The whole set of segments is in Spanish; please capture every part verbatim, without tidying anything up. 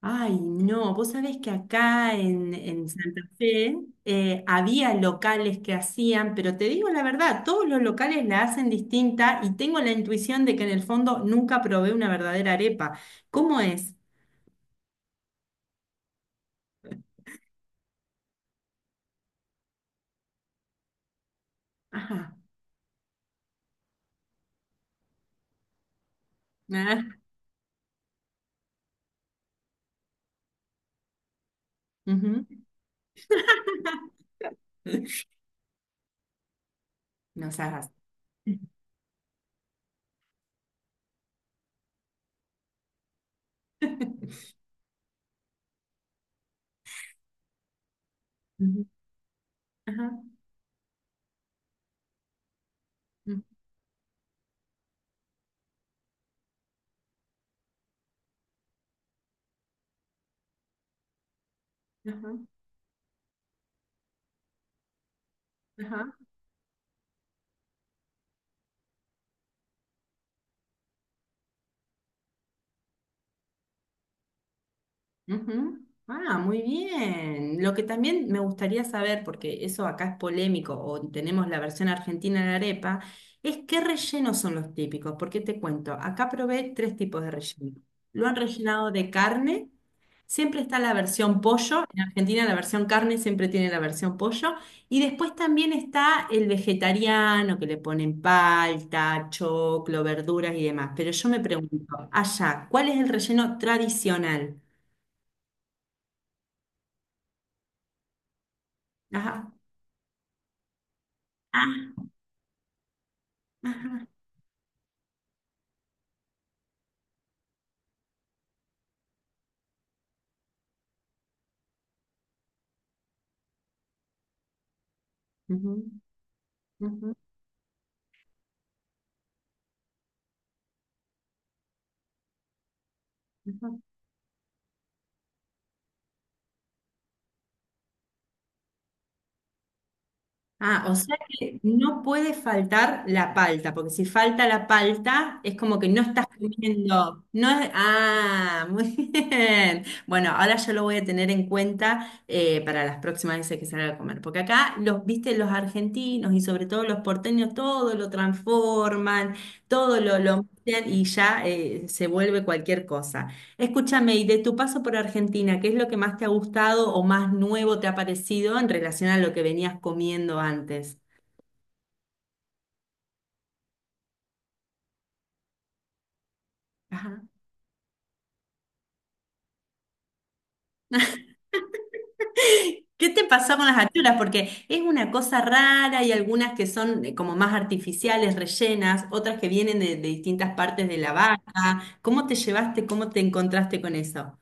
Ay, no, vos sabés que acá en, en Santa Fe eh, había locales que hacían, pero te digo la verdad, todos los locales la hacen distinta y tengo la intuición de que en el fondo nunca probé una verdadera arepa. ¿Cómo es? Ajá. Ah, ujú. No seas. Ujú. Ajá. Ujú. Ajá. Ajá. Ujú. Ah, muy bien. Lo que también me gustaría saber, porque eso acá es polémico, o tenemos la versión argentina de la arepa, es qué rellenos son los típicos. Porque te cuento, acá probé tres tipos de relleno. Lo han rellenado de carne, siempre está la versión pollo, en Argentina la versión carne siempre tiene la versión pollo, y después también está el vegetariano, que le ponen palta, choclo, verduras y demás. Pero yo me pregunto, allá, ¿cuál es el relleno tradicional? Ajá. Ah, ajá. Ujú, ujú, ujú. Ah, o sea que no puede faltar la palta, porque si falta la palta es como que no estás comiendo. No es- ah, muy bien. Bueno, ahora yo lo voy a tener en cuenta eh, para las próximas veces que salga a comer, porque acá los, viste, los argentinos y sobre todo los porteños, todo lo transforman, todo lo, lo meten y ya eh, se vuelve cualquier cosa. Escúchame, y de tu paso por Argentina, ¿qué es lo que más te ha gustado o más nuevo te ha parecido en relación a lo que venías comiendo antes? Ajá. ¿Qué te pasó con las achuras? Porque es una cosa rara y algunas que son eh, como más artificiales, rellenas, otras que vienen de, de distintas partes de la vaca. ¿Cómo te llevaste? ¿Cómo te encontraste con eso?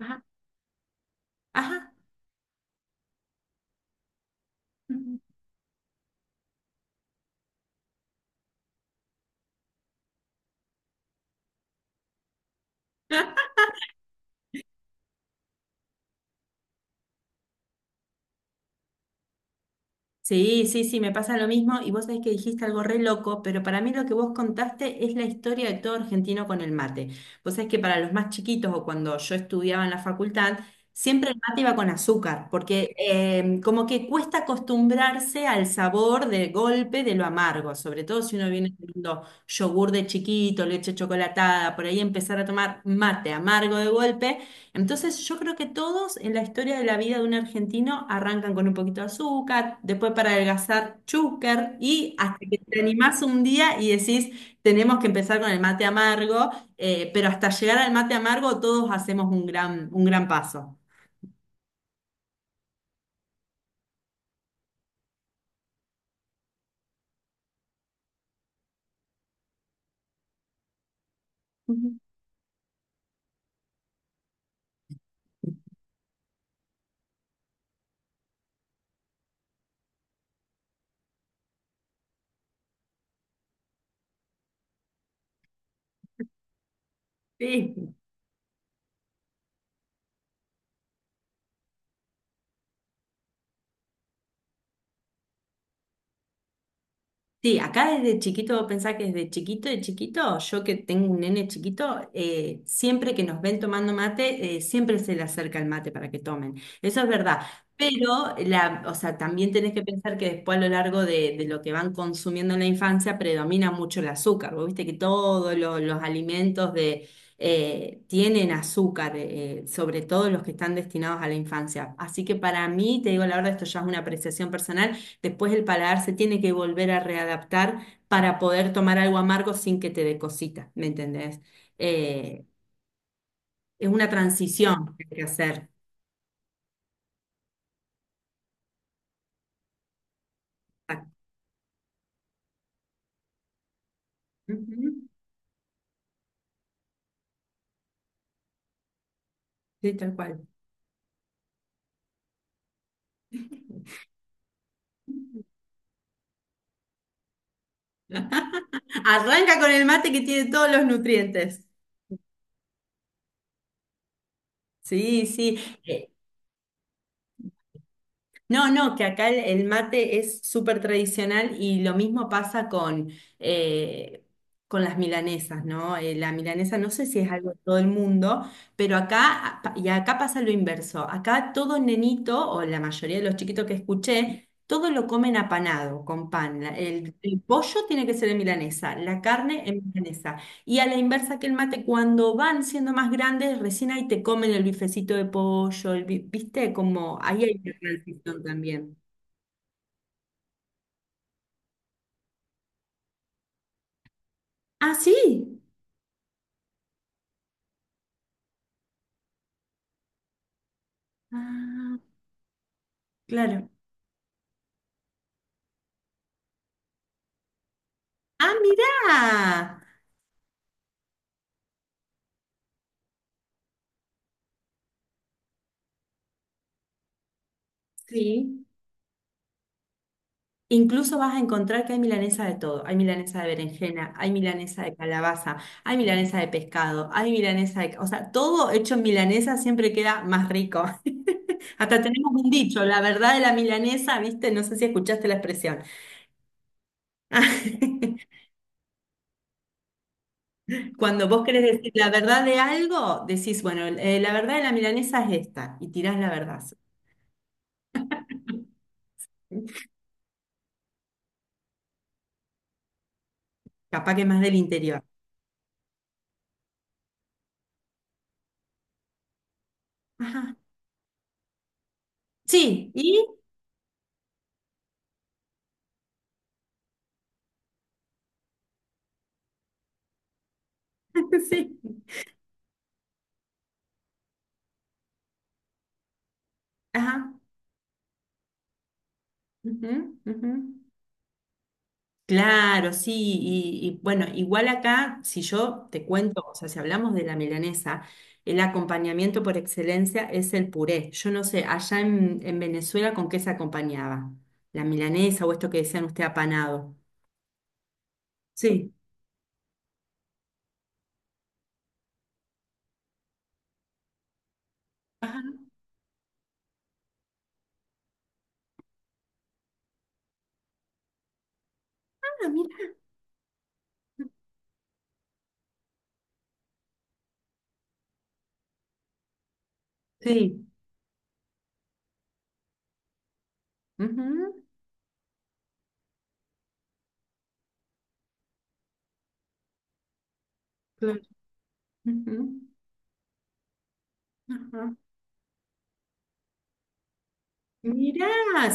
Ajá, ajá. Sí, sí, sí, me pasa lo mismo y vos sabés que dijiste algo re loco, pero para mí lo que vos contaste es la historia de todo argentino con el mate. Vos sabés que para los más chiquitos o cuando yo estudiaba en la facultad, siempre el mate iba con azúcar, porque eh, como que cuesta acostumbrarse al sabor de golpe de lo amargo, sobre todo si uno viene tomando yogur de chiquito, leche chocolatada, por ahí empezar a tomar mate amargo de golpe. Entonces yo creo que todos en la historia de la vida de un argentino arrancan con un poquito de azúcar, después para adelgazar chúcar y hasta que te animás un día y decís, tenemos que empezar con el mate amargo, eh, pero hasta llegar al mate amargo todos hacemos un gran, un gran paso. Ujú. Sí. Sí, acá desde chiquito, pensá que desde chiquito de chiquito, yo que tengo un nene chiquito, eh, siempre que nos ven tomando mate, eh, siempre se le acerca el mate para que tomen. Eso es verdad. Pero la, o sea, también tenés que pensar que después a lo largo de, de lo que van consumiendo en la infancia predomina mucho el azúcar. Vos viste que todos lo- los alimentos de, eh, tienen azúcar, eh, eh, sobre todo los que están destinados a la infancia. Así que para mí, te digo la verdad, esto ya es una apreciación personal. Después el paladar se tiene que volver a readaptar para poder tomar algo amargo sin que te dé cosita, ¿me entendés? Eh, es una transición que hay que hacer. Ah, ujú. Sí, tal cual. Arranca con el mate que tiene todos los nutrientes. Sí, sí. Eh, No, no, que acá el, el mate es súper tradicional y lo mismo pasa con, eh, con las milanesas, ¿no? Eh, la milanesa no sé si es algo de todo el mundo, pero acá, pa- y acá pasa lo inverso. Acá todo nenito, o la mayoría de los chiquitos que escuché, todo lo comen apanado, con pan. La- El, el pollo tiene que ser en milanesa, la carne en milanesa. Y a la inversa que el mate, cuando van siendo más grandes, recién ahí te comen el bifecito de pollo, el bi- ¿viste? Como ahí hay una transición también. Ah, sí. Ah, claro. Ah, mirá. Sí. Incluso vas a encontrar que hay milanesa de todo. Hay milanesa de berenjena, hay milanesa de calabaza, hay milanesa de pescado, hay milanesa de... O sea, todo hecho en milanesa siempre queda más rico. Hasta tenemos un dicho, la verdad de la milanesa, ¿viste? No sé si escuchaste la expresión. Cuando vos querés decir la verdad de algo, decís, bueno, eh, la verdad de la milanesa es esta, y tirás la verdad. Capaz que más del interior. Ajá. Sí, y sí. Ajá. Ujú, ujú. Claro, sí, y, y bueno, igual acá, si yo te cuento, o sea, si hablamos de la milanesa, el acompañamiento por excelencia es el puré. Yo no sé, allá en, en Venezuela, ¿con qué se acompañaba? La milanesa o esto que decían usted apanado. Sí. Ajá. Sí. Ujú. Claro. Ujú, ajá. Mirá,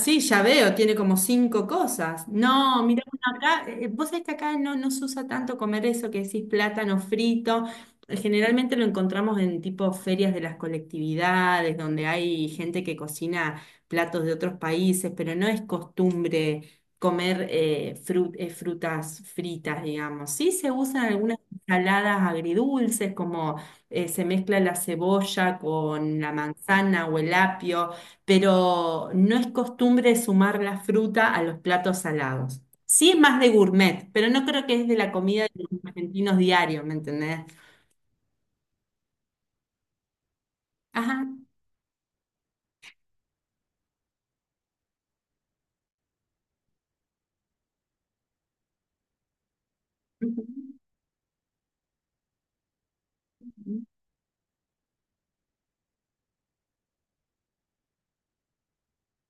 sí, ya veo, tiene como cinco cosas. No, mirá, bueno, acá, eh, eh, vos sabés que acá no, no se usa tanto comer eso que decís plátano frito. Eh, Generalmente lo encontramos en tipo ferias de las colectividades, donde hay gente que cocina platos de otros países, pero no es costumbre comer eh, fru- eh, frutas fritas, digamos. Sí se usan algunas ensaladas agridulces, como eh, se mezcla la cebolla con la manzana o el apio, pero no es costumbre sumar la fruta a los platos salados. Sí es más de gourmet, pero no creo que es de la comida de los argentinos diarios, ¿me entendés? Ajá. Ujú.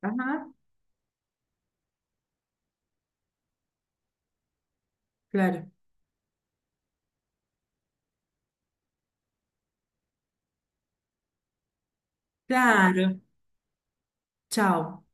Ajá, claro. Claro. Chao.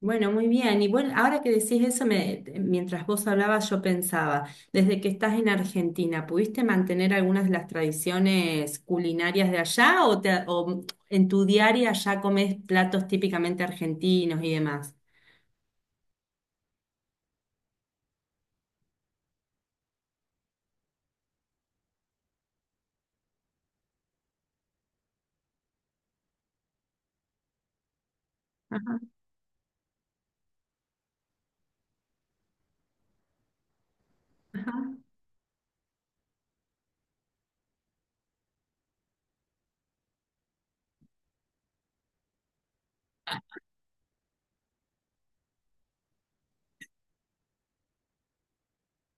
Bueno, muy bien. Y bueno, ahora que decís eso, me- mientras vos hablabas, yo pensaba, desde que estás en Argentina, ¿pudiste mantener algunas de las tradiciones culinarias de allá o, te- o en tu diaria ya comés platos típicamente argentinos y demás? Ajá, ajá.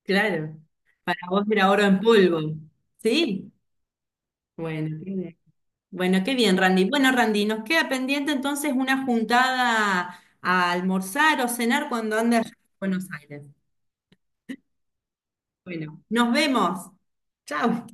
Claro, para vos era oro en polvo. Sí, bueno, qué bien. Bueno, qué bien, Randy. Bueno, Randy, nos queda pendiente entonces una juntada a almorzar o cenar cuando andes a Buenos Aires. Bueno, nos vemos. Chao.